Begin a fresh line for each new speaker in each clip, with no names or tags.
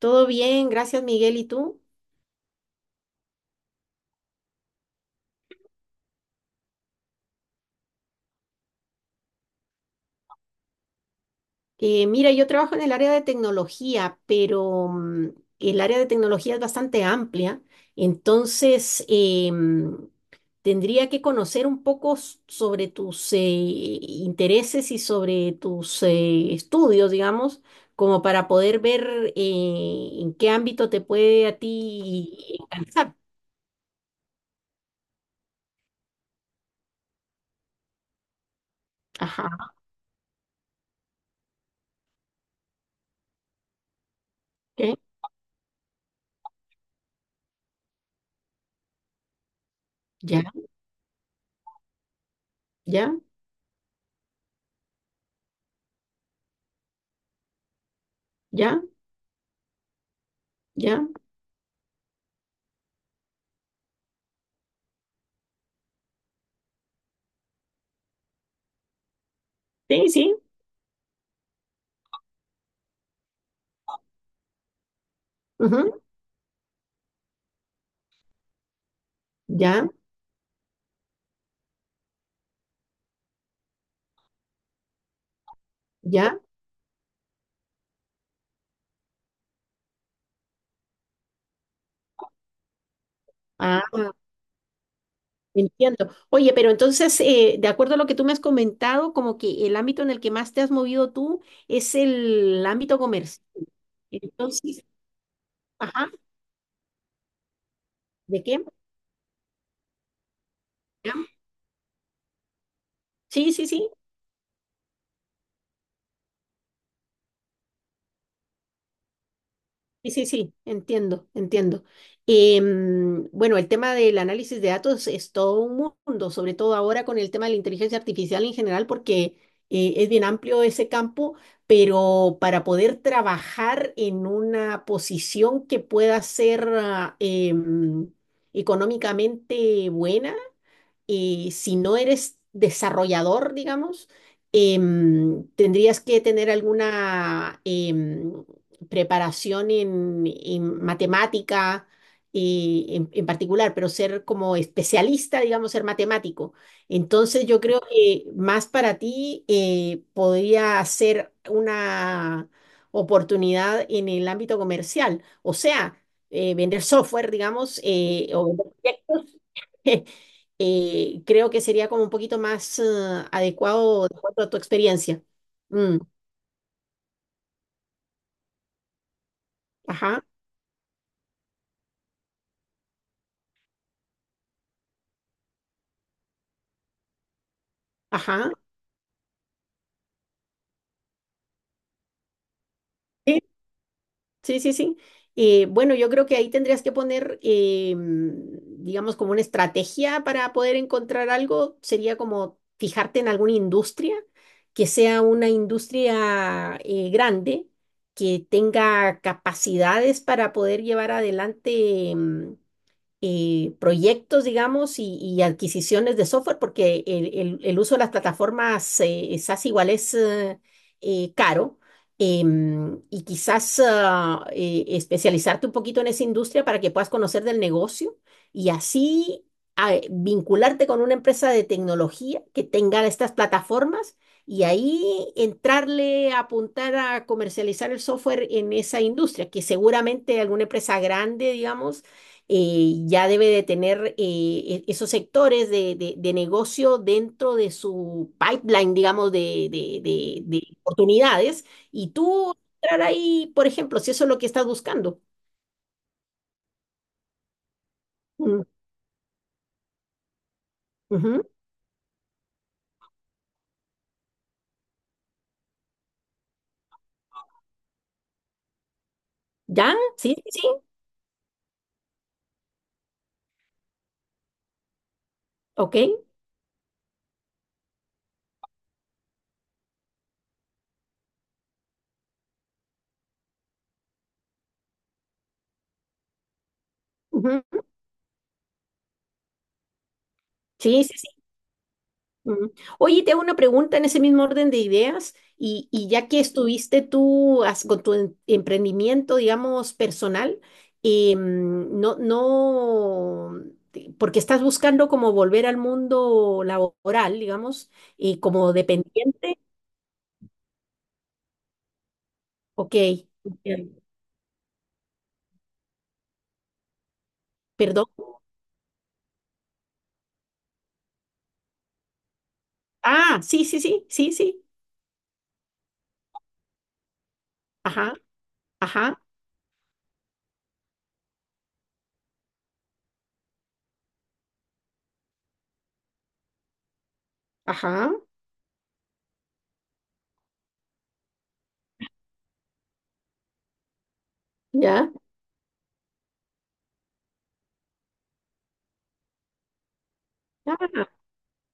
Todo bien, gracias Miguel. ¿Y tú? Mira, yo trabajo en el área de tecnología, pero el área de tecnología es bastante amplia, entonces tendría que conocer un poco sobre tus intereses y sobre tus estudios, digamos, como para poder ver en qué ámbito te puede a ti alcanzar. Ajá. Ok. Ya, ya, ya, ya. Sí, sí. Ujú. Ya, ya. Ah, entiendo. Oye, pero entonces, de acuerdo a lo que tú me has comentado, como que el ámbito en el que más te has movido tú es el ámbito comercial. Entonces, ajá, ¿de qué? ¿Ya? Sí, sí, sí. Sí, sí, sí, entiendo, entiendo. Bueno, el tema del análisis de datos es todo un mundo, sobre todo ahora con el tema de la inteligencia artificial en general, porque es bien amplio ese campo, pero para poder trabajar en una posición que pueda ser económicamente buena, si no eres desarrollador, digamos, tendrías que tener alguna preparación en matemática en particular, pero ser como especialista, digamos, ser matemático. Entonces yo creo que más para ti podría ser una oportunidad en el ámbito comercial, o sea, vender software, digamos, o vender proyectos creo que sería como un poquito más adecuado de acuerdo a tu experiencia. Mm, ajá, ajá. Sí, sí, sí. Sí. Bueno, yo creo que ahí tendrías que poner, digamos, como una estrategia para poder encontrar algo. Sería como fijarte en alguna industria que sea una industria grande, que tenga capacidades para poder llevar adelante. Proyectos, digamos, y adquisiciones de software, porque el uso de las plataformas SaaS igual es caro. Y quizás especializarte un poquito en esa industria para que puedas conocer del negocio y así vincularte con una empresa de tecnología que tenga estas plataformas y ahí entrarle a apuntar a comercializar el software en esa industria, que seguramente alguna empresa grande, digamos, ya debe de tener esos sectores de, de negocio dentro de su pipeline, digamos, de, de oportunidades. Y tú entrar ahí, por ejemplo, si eso es lo que estás buscando. Mm. Ujú. ¿Ya? Sí, sí, sí. Ok. Ujú. Sí, sí. Mm. Oye, te hago una pregunta en ese mismo orden de ideas y ya que estuviste tú con tu emprendimiento, digamos, personal, no, no, porque estás buscando como volver al mundo laboral, digamos, y como dependiente. Ok. Ok, perdón. Ah, sí, sí, sí, sí, sí, ajá, ajá, ajá, ya, ah,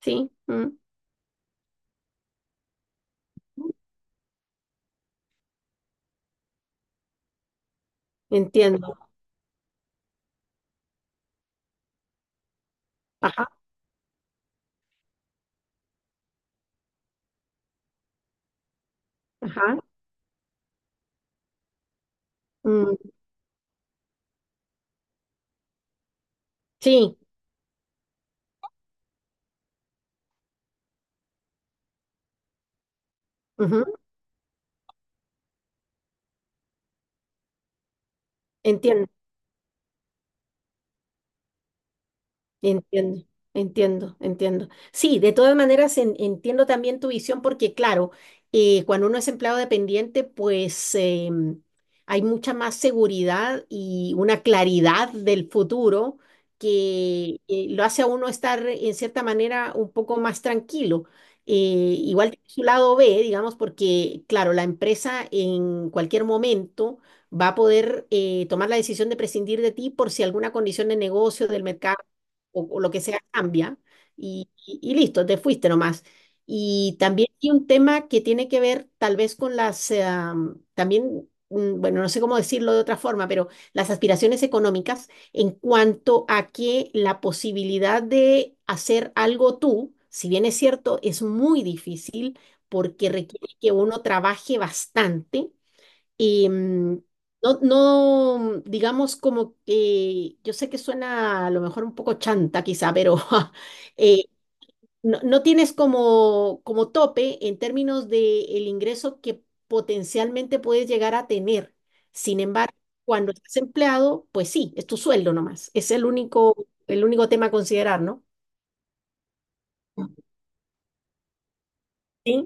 sí, mm, entiendo, ajá, ajá, mm, sí. Entiendo. Entiendo, entiendo, entiendo. Sí, de todas maneras entiendo también tu visión porque, claro, cuando uno es empleado dependiente, pues hay mucha más seguridad y una claridad del futuro que lo hace a uno estar en cierta manera un poco más tranquilo. Igual tiene su lado B, digamos, porque, claro, la empresa en cualquier momento va a poder tomar la decisión de prescindir de ti por si alguna condición de negocio, del mercado o lo que sea cambia y listo, te fuiste nomás. Y también hay un tema que tiene que ver tal vez con las, también, bueno, no sé cómo decirlo de otra forma, pero las aspiraciones económicas en cuanto a que la posibilidad de hacer algo tú, si bien es cierto, es muy difícil porque requiere que uno trabaje bastante. Y no, no, digamos como que, yo sé que suena a lo mejor un poco chanta quizá, pero eh, no, no tienes como, como tope en términos de el ingreso que potencialmente puedes llegar a tener. Sin embargo, cuando estás empleado, pues sí, es tu sueldo nomás. Es el único tema a considerar, ¿no? Sí,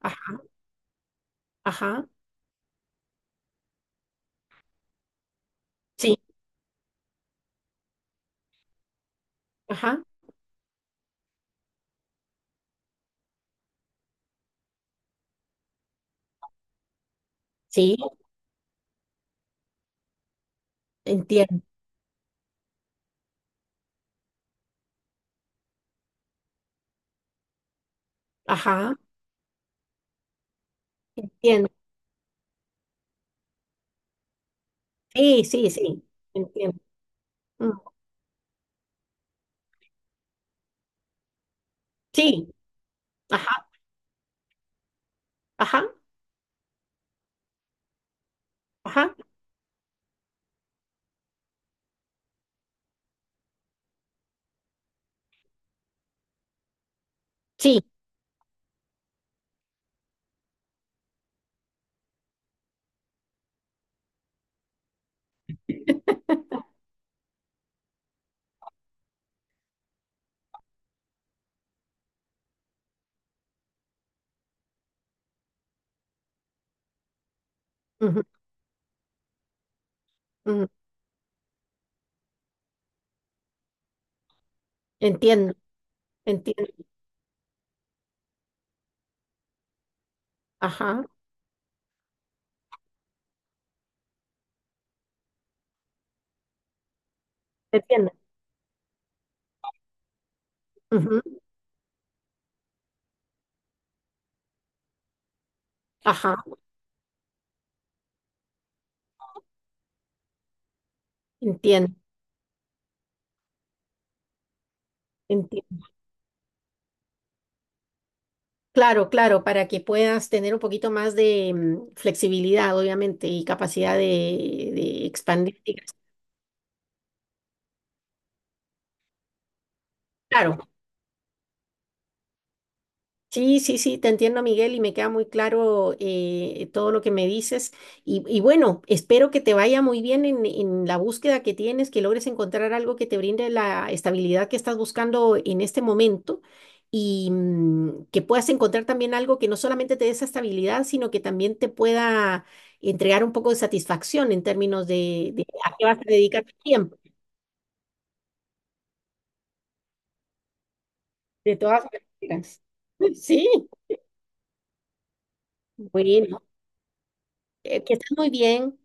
ajá, ajá, sí, ajá, sí, entiendo, ajá, entiendo. Sí, sí, sí, entiendo. Sí, ajá, ajá, ajá, sí, ujú, ujú. Entiendo, entiendo, ajá, entiendo, ujú, ajá, entiendo, entiendo. Claro, claro, para que puedas tener un poquito más de flexibilidad, obviamente, y capacidad de expandir. Claro. Sí, sí, sí, te entiendo, Miguel, y me queda muy claro todo lo que me dices. Y bueno, espero que te vaya muy bien en la búsqueda que tienes, que logres encontrar algo que te brinde la estabilidad que estás buscando en este momento y que puedas encontrar también algo que no solamente te dé esa estabilidad, sino que también te pueda entregar un poco de satisfacción en términos de a qué vas a dedicar tu tiempo, de todas maneras. Sí, bueno, que estés muy bien.